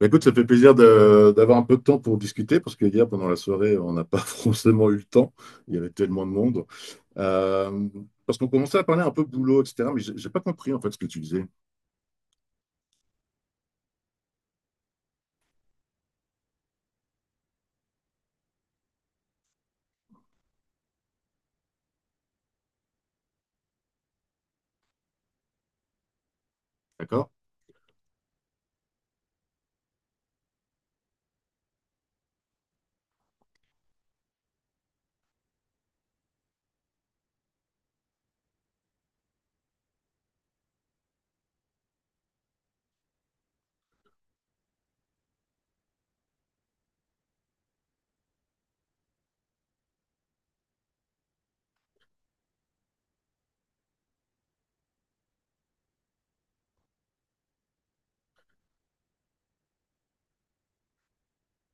Bah, écoute, ça fait plaisir d'avoir un peu de temps pour discuter, parce que hier, pendant la soirée, on n'a pas forcément eu le temps. Il y avait tellement de monde. Euh, parce qu'on commençait à parler un peu boulot, etc. Mais j'ai pas compris, en fait, ce que tu disais. D'accord?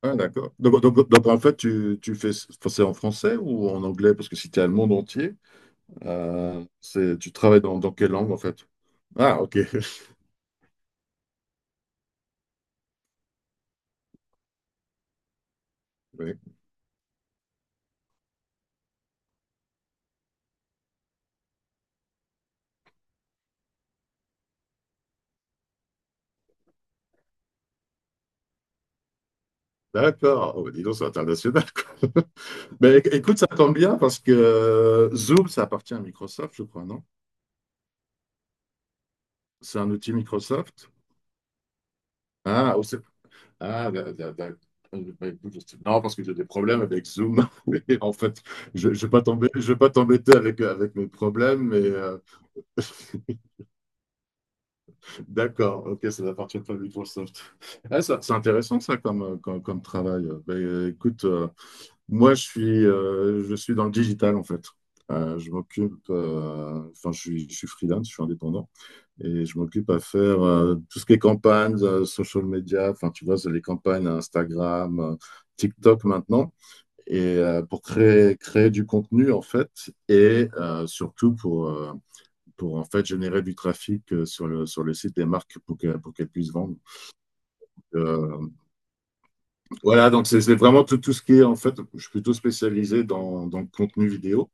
Ah, d'accord. Donc, en fait, tu fais, enfin, c'est en français ou en anglais? Parce que si tu es à le monde entier, c'est, tu travailles dans quelle langue, en fait? Ah, ok. Oui. D'accord. Oh, bah, dis donc, c'est international, quoi. Mais écoute, ça tombe bien, parce que Zoom, ça appartient à Microsoft, je crois, non? C'est un outil Microsoft? Ah, au- ah d'a- d'a- d'a- bah, écoute, je sais- Non, parce que j'ai des problèmes avec Zoom. Et en fait, je ne vais pas tomber, je vais pas t'embêter avec mes problèmes, mais d'accord, ok, ça n'appartient pas à Microsoft. Ah, c'est intéressant, ça, comme travail. Ben, écoute, moi, je suis dans le digital, en fait. Je m'occupe, enfin, je suis freelance, je suis indépendant. Et je m'occupe à faire tout ce qui est campagne, social media, enfin, tu vois, c'est les campagnes Instagram, TikTok maintenant, et pour créer du contenu, en fait, et pour, en fait, générer du trafic sur le site des marques pour qu'elles puissent vendre. Euh, voilà, donc c'est vraiment tout, tout ce qui est, en fait, je suis plutôt spécialisé dans le contenu vidéo.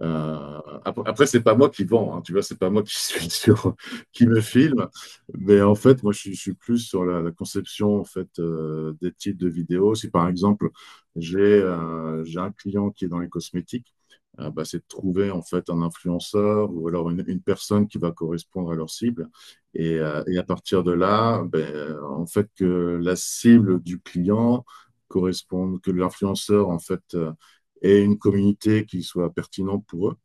Euh, après, c'est pas moi qui vends, hein, tu vois, c'est pas moi qui suis sur, qui me filme, mais en fait, moi, je suis plus sur la, la conception en fait des types de vidéos. Si par exemple, j'ai un client qui est dans les cosmétiques, bah, c'est de trouver en fait un influenceur ou alors une personne qui va correspondre à leur cible. Et à partir de là, ben, en fait, que la cible du client corresponde, que l'influenceur en fait ait une communauté qui soit pertinente pour eux.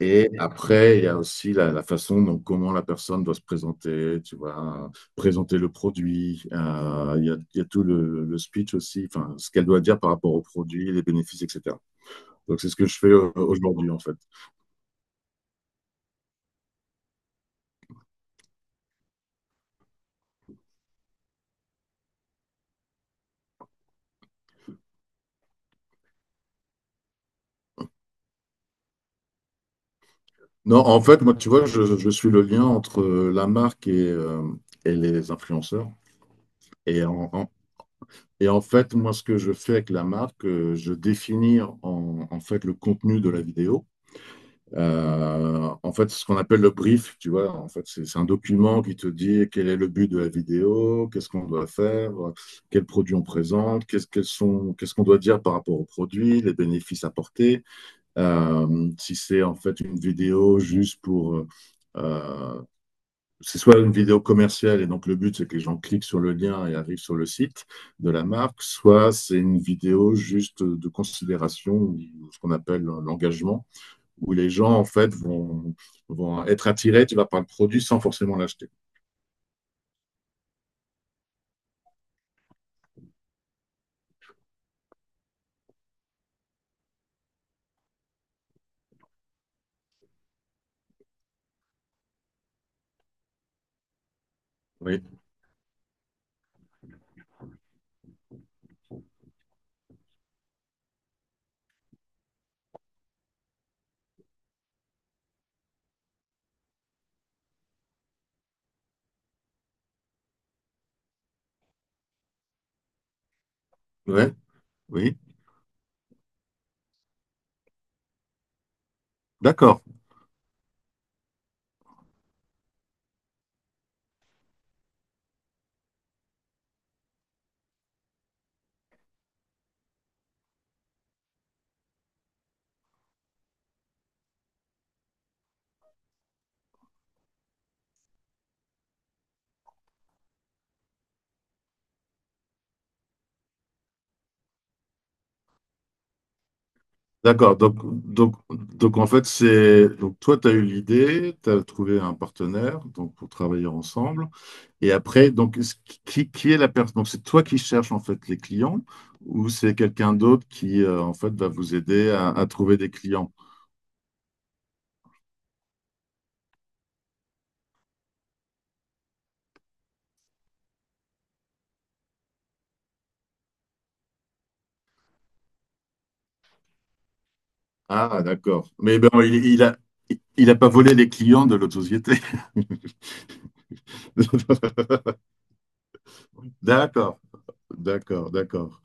Et après, il y a aussi la façon dont comment la personne doit se présenter, tu vois, présenter le produit. Il y a tout le speech aussi, enfin, ce qu'elle doit dire par rapport au produit, les bénéfices, etc. Donc, c'est ce que je fais aujourd'hui, en fait. Non, en fait, moi, tu vois, je suis le lien entre la marque et les influenceurs. Et en, en- et en fait, moi, ce que je fais avec la marque, je définis en fait le contenu de la vidéo. En fait, ce qu'on appelle le brief, tu vois, en fait, c'est un document qui te dit quel est le but de la vidéo, qu'est-ce qu'on doit faire, quels produits on présente, qu'est-ce qu'elles sont, qu'est-ce qu'on doit dire par rapport aux produits, les bénéfices apportés. Si c'est en fait une vidéo juste pour, euh, c'est soit une vidéo commerciale et donc le but c'est que les gens cliquent sur le lien et arrivent sur le site de la marque, soit c'est une vidéo juste de considération, ou ce qu'on appelle l'engagement où les gens, en fait, vont être attirés, tu vas par le produit sans forcément l'acheter. Oui, ouais, oui. D'accord, d'accord. Donc, en fait, c'est. Donc, toi, tu as eu l'idée, tu as trouvé un partenaire donc, pour travailler ensemble. Et après, donc, qui est la personne? Donc, c'est toi qui cherches, en fait, les clients ou c'est quelqu'un d'autre qui, en fait, va vous aider à trouver des clients? Ah, d'accord. Mais ben, il a pas volé les clients de l'autre société. D'accord. D'accord, d'accord.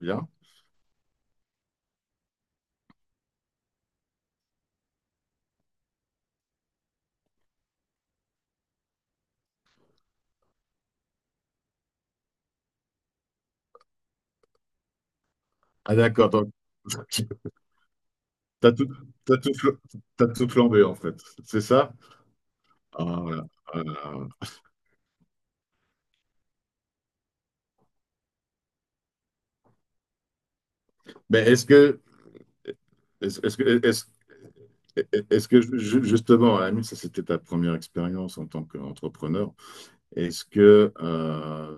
Bien. Ah d'accord, donc t'as tout, t'as tout, fl- t'as tout flambé en fait, c'est ça? Ah, voilà. Ah, mais est-ce est-ce que, est-ce est-ce que justement, à la limite, ça c'était ta première expérience en tant qu'entrepreneur? Est-ce que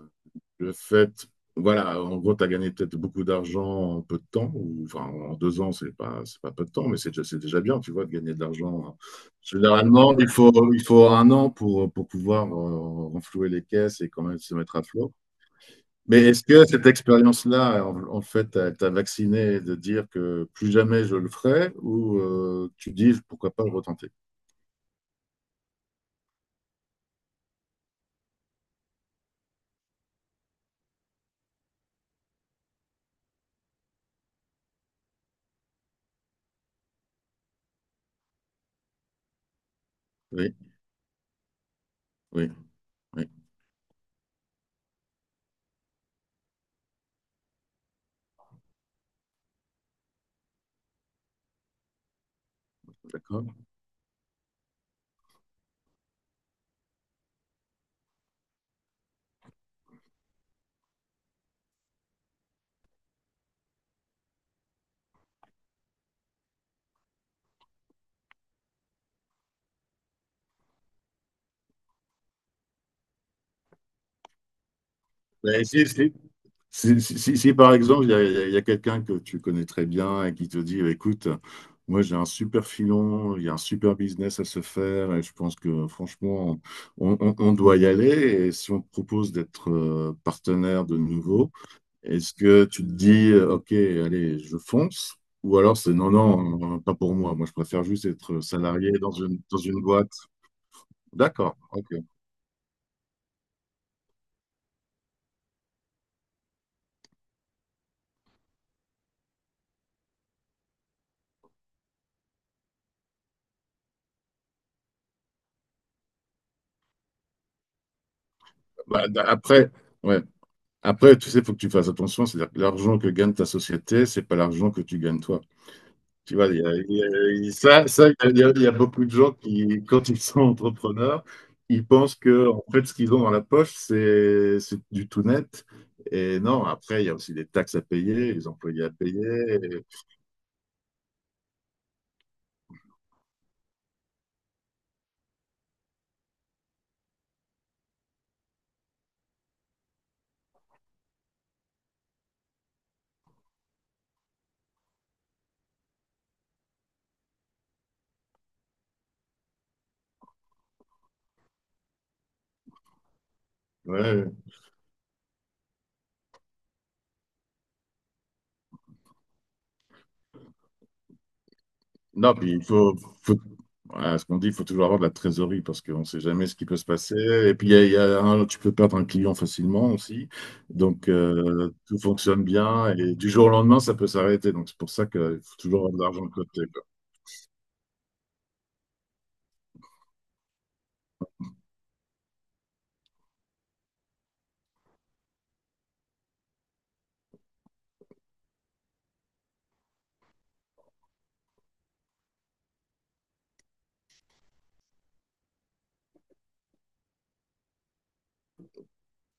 le fait, voilà, en gros, tu as gagné peut-être beaucoup d'argent en peu de temps, ou enfin en deux ans, c'est pas peu de temps, mais c'est déjà bien, tu vois, de gagner de l'argent. Généralement, il faut un an pour pouvoir renflouer les caisses et quand même se mettre à flot. Mais est-ce que cette expérience-là, en fait, t'a vacciné de dire que plus jamais je le ferai, ou tu dis pourquoi pas le retenter? Oui, oui, oui, d'accord. Mais si, si, Si, par exemple, il y a quelqu'un que tu connais très bien et qui te dit, écoute, moi j'ai un super filon, il y a un super business à se faire et je pense que franchement, on doit y aller. Et si on te propose d'être partenaire de nouveau, est-ce que tu te dis, OK, allez, je fonce? Ou alors c'est non, non, pas pour moi. Moi, je préfère juste être salarié dans dans une boîte. D'accord, OK. Bah, d- après, ouais. Après, tu sais, il faut que tu fasses attention, c'est-à-dire que l'argent que gagne ta société, c'est pas l'argent que tu gagnes toi. Tu vois, il y a- ça, il y a beaucoup de gens qui, quand ils sont entrepreneurs, ils pensent que, en fait, ce qu'ils ont dans la poche, c'est du tout net. Et non, après, il y a aussi des taxes à payer, les employés à payer. Et- ouais. Non, puis il faut, faut- Voilà, ce qu'on dit, il faut toujours avoir de la trésorerie parce qu'on ne sait jamais ce qui peut se passer. Et puis, il y a tu peux perdre un client facilement aussi. Donc, tout fonctionne bien et du jour au lendemain, ça peut s'arrêter. Donc, c'est pour ça qu'il faut toujours avoir de l'argent de côté. Quoi.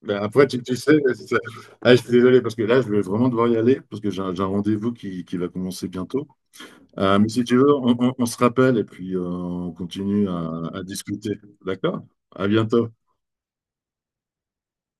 Ben, après, tu sais, ah, je suis désolé parce que là, je vais vraiment devoir y aller parce que j'ai un rendez-vous qui va commencer bientôt. Mais si tu veux, on se rappelle et puis on continue à discuter. D'accord? À bientôt.